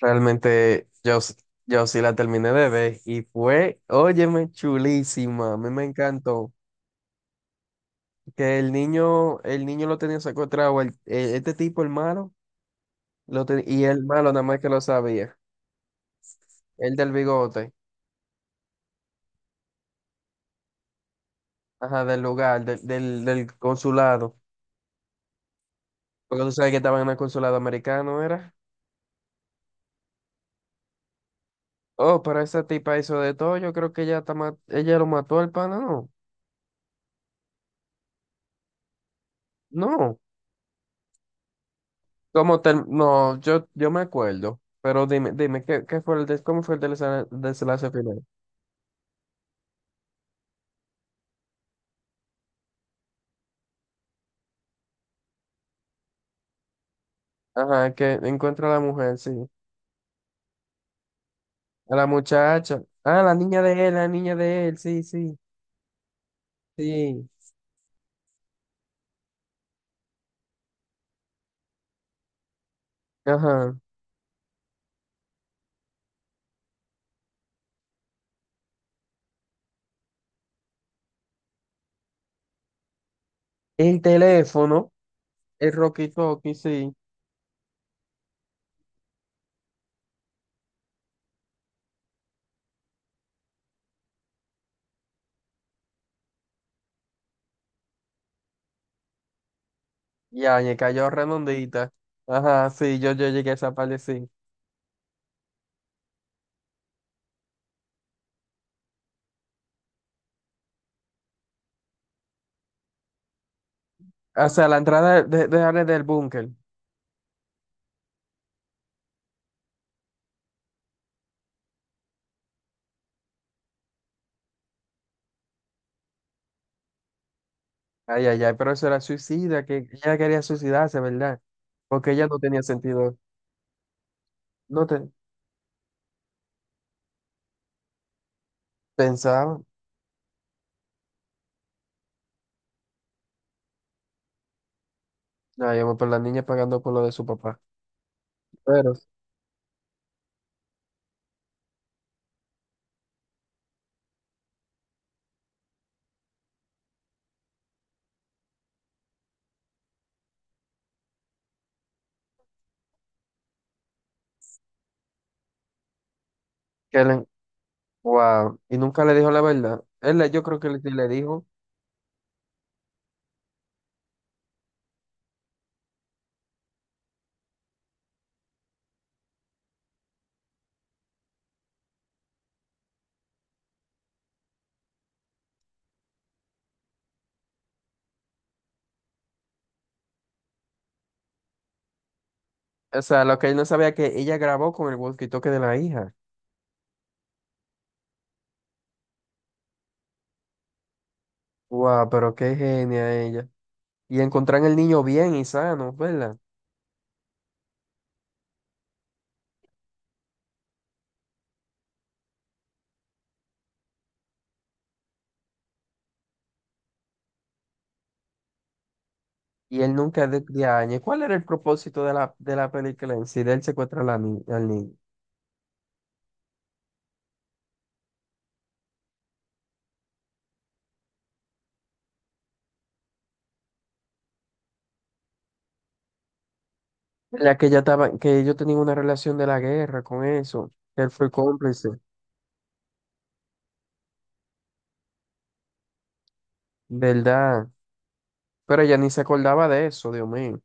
Realmente, yo sí la terminé de ver y fue, óyeme, chulísima, a mí me encantó. Que el niño lo tenía secuestrado, este tipo, el malo, y el malo nada más que lo sabía, el del bigote, ajá, del lugar, del consulado, porque tú sabes que estaba en el consulado americano, ¿era? Oh, pero esa tipa hizo de todo, yo creo que ella, ella lo mató al pana, no, no. Como tal, no, yo me acuerdo, pero dime, dime, ¿qué, qué fue el des- cómo fue el desenlace final? Ajá, que encuentra a la mujer, sí. A la muchacha. Ah, la niña de él, la niña de él, sí, sí, sí. Ajá. El teléfono, el Rocky Talkie, sí. Ya, me cayó redondita. Ajá, sí, yo llegué a esa parte, sí. O sea, la entrada Ale, del búnker. Ay, ay, ay, pero eso era suicida, que ella quería suicidarse, ¿verdad? Porque ella no tenía sentido. No te pensaba. Ya, yo voy por la niña pagando por lo de su papá. Pero, que le- wow. Y nunca le dijo la verdad. Él, yo creo que sí le dijo. O sea, lo que él no sabía que ella grabó con el walkie-talkie de la hija. Wow, pero qué genia ella. Y encontrar el niño bien y sano, ¿verdad? Y él nunca de, de añe. ¿Cuál era el propósito de la película en sí? De él secuestra a la ni- al niño. La que ya estaba, que ellos tenían una relación de la guerra con eso. Él fue cómplice, ¿verdad? Pero ella ni se acordaba de eso, Dios mío.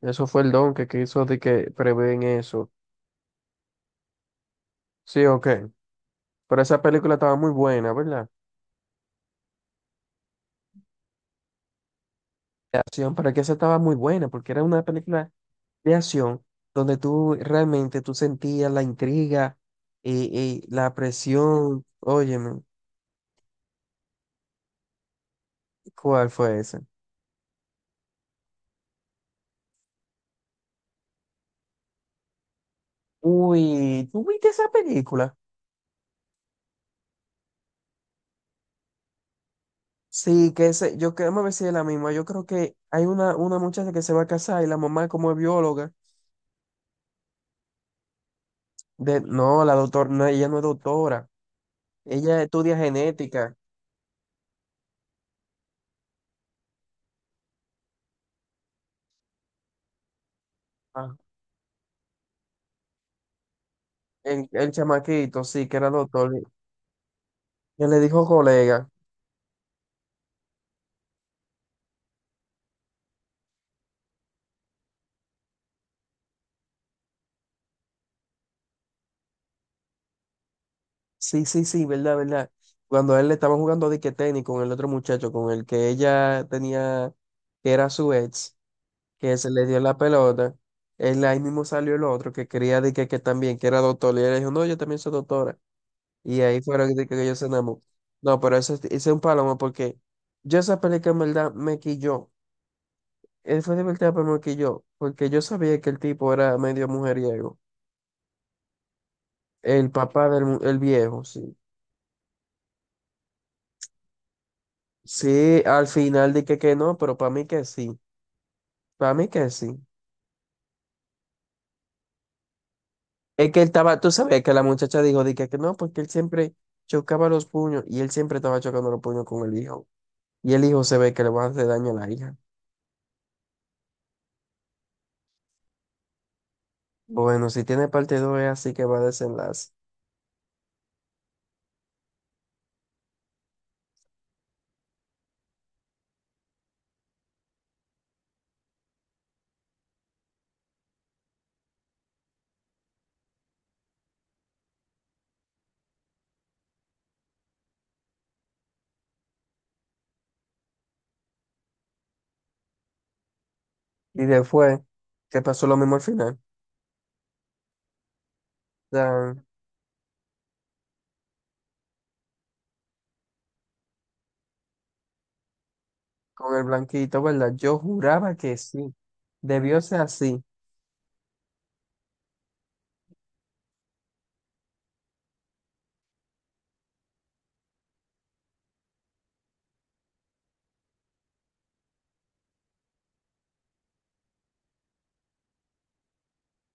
Eso fue el don que quiso de que prevén eso. Sí, ok. Pero esa película estaba muy buena, ¿verdad? De acción, pero que esa estaba muy buena, porque era una película de acción donde tú realmente tú sentías la intriga y la presión. Óyeme, ¿cuál fue esa? Uy, ¿tú viste esa película? Sí, que ese, yo creo, me ver si es la misma. Yo creo que hay una muchacha que se va a casar y la mamá como es bióloga. No, la doctora, no, ella no es doctora. Ella estudia genética. El chamaquito, sí, que era doctor, que le dijo colega. Sí, sí, sí, verdad, verdad. Cuando a él le estaban jugando dique tenis con el otro muchacho, con el que ella tenía, que era su ex, que se le dio la pelota, él ahí mismo salió el otro que quería dique que también, que era doctor, y él le dijo, no, yo también soy doctora. Y ahí fueron de que ellos se enamoraron. No, pero eso es ese es un palomo porque yo esa película en verdad me quilló. Él fue divertida, pero me quilló, porque yo sabía que el tipo era medio mujeriego. El papá el viejo, sí. Sí, al final dije que no, pero para mí que sí. Para mí que sí. Es que él estaba, tú sabes que la muchacha dijo, dije que no, porque él siempre chocaba los puños y él siempre estaba chocando los puños con el hijo. Y el hijo se ve que le va a hacer daño a la hija. Bueno, si tiene parte 2 es así que va a desenlace. Y después, que pasó lo mismo al final. O sea, con el blanquito, ¿verdad? Yo juraba que sí. Debió ser así.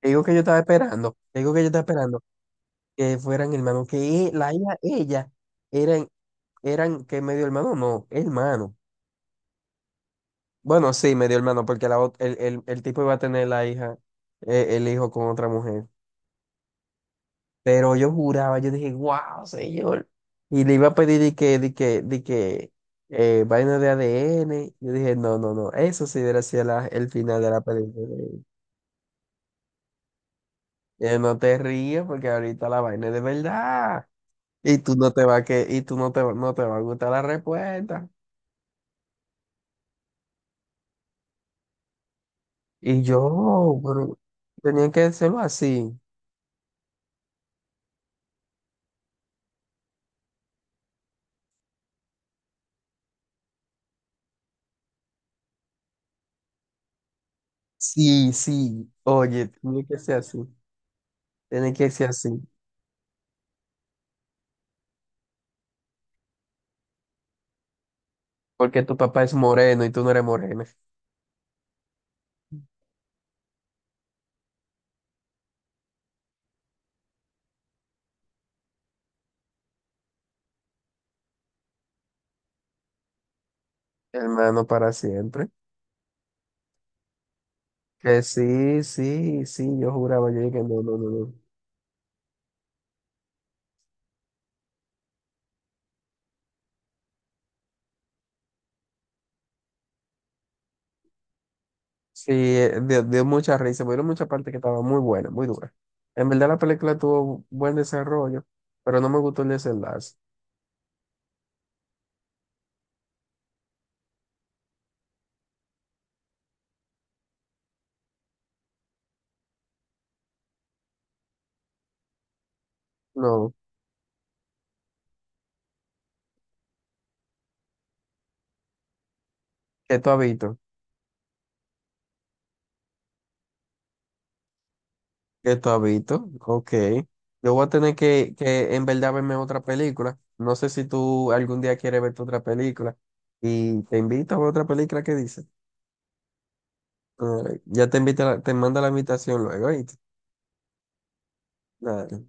Te digo que yo estaba esperando. Te digo que yo estaba esperando. Que fueran hermanos, la hija, ella, eran, eran que medio hermano, no, hermano. Bueno, sí, medio hermano, porque la, ot- el tipo iba a tener la hija, el hijo con otra mujer. Pero yo juraba, yo dije, wow, señor. Y le iba a pedir de que, vaina de ADN. Yo dije, no, no, no, eso sí hubiera sido el final de la película. No te rías porque ahorita la vaina es de verdad. Y tú no te, va- no te va a gustar la respuesta. Y yo, pero tenía que hacerlo así. Sí, sí, oye, tenía que ser así. Tenía que ser así. Porque tu papá es moreno y tú no eres morena. Hermano para siempre. Que sí, sí, sí, yo juraba, yo dije, no, no, no, no. Sí, dio mucha risa, pero mucha parte que estaba muy buena, muy dura. En verdad la película tuvo buen desarrollo, pero no me gustó el desenlace. No, ¿que tú has visto? Que tú has visto. Ok. Yo voy a tener que en verdad verme otra película. No sé si tú algún día quieres verte otra película. Y te invito a ver otra película que dice. Ya te invita, te manda la invitación luego, ¿oíste? Nada.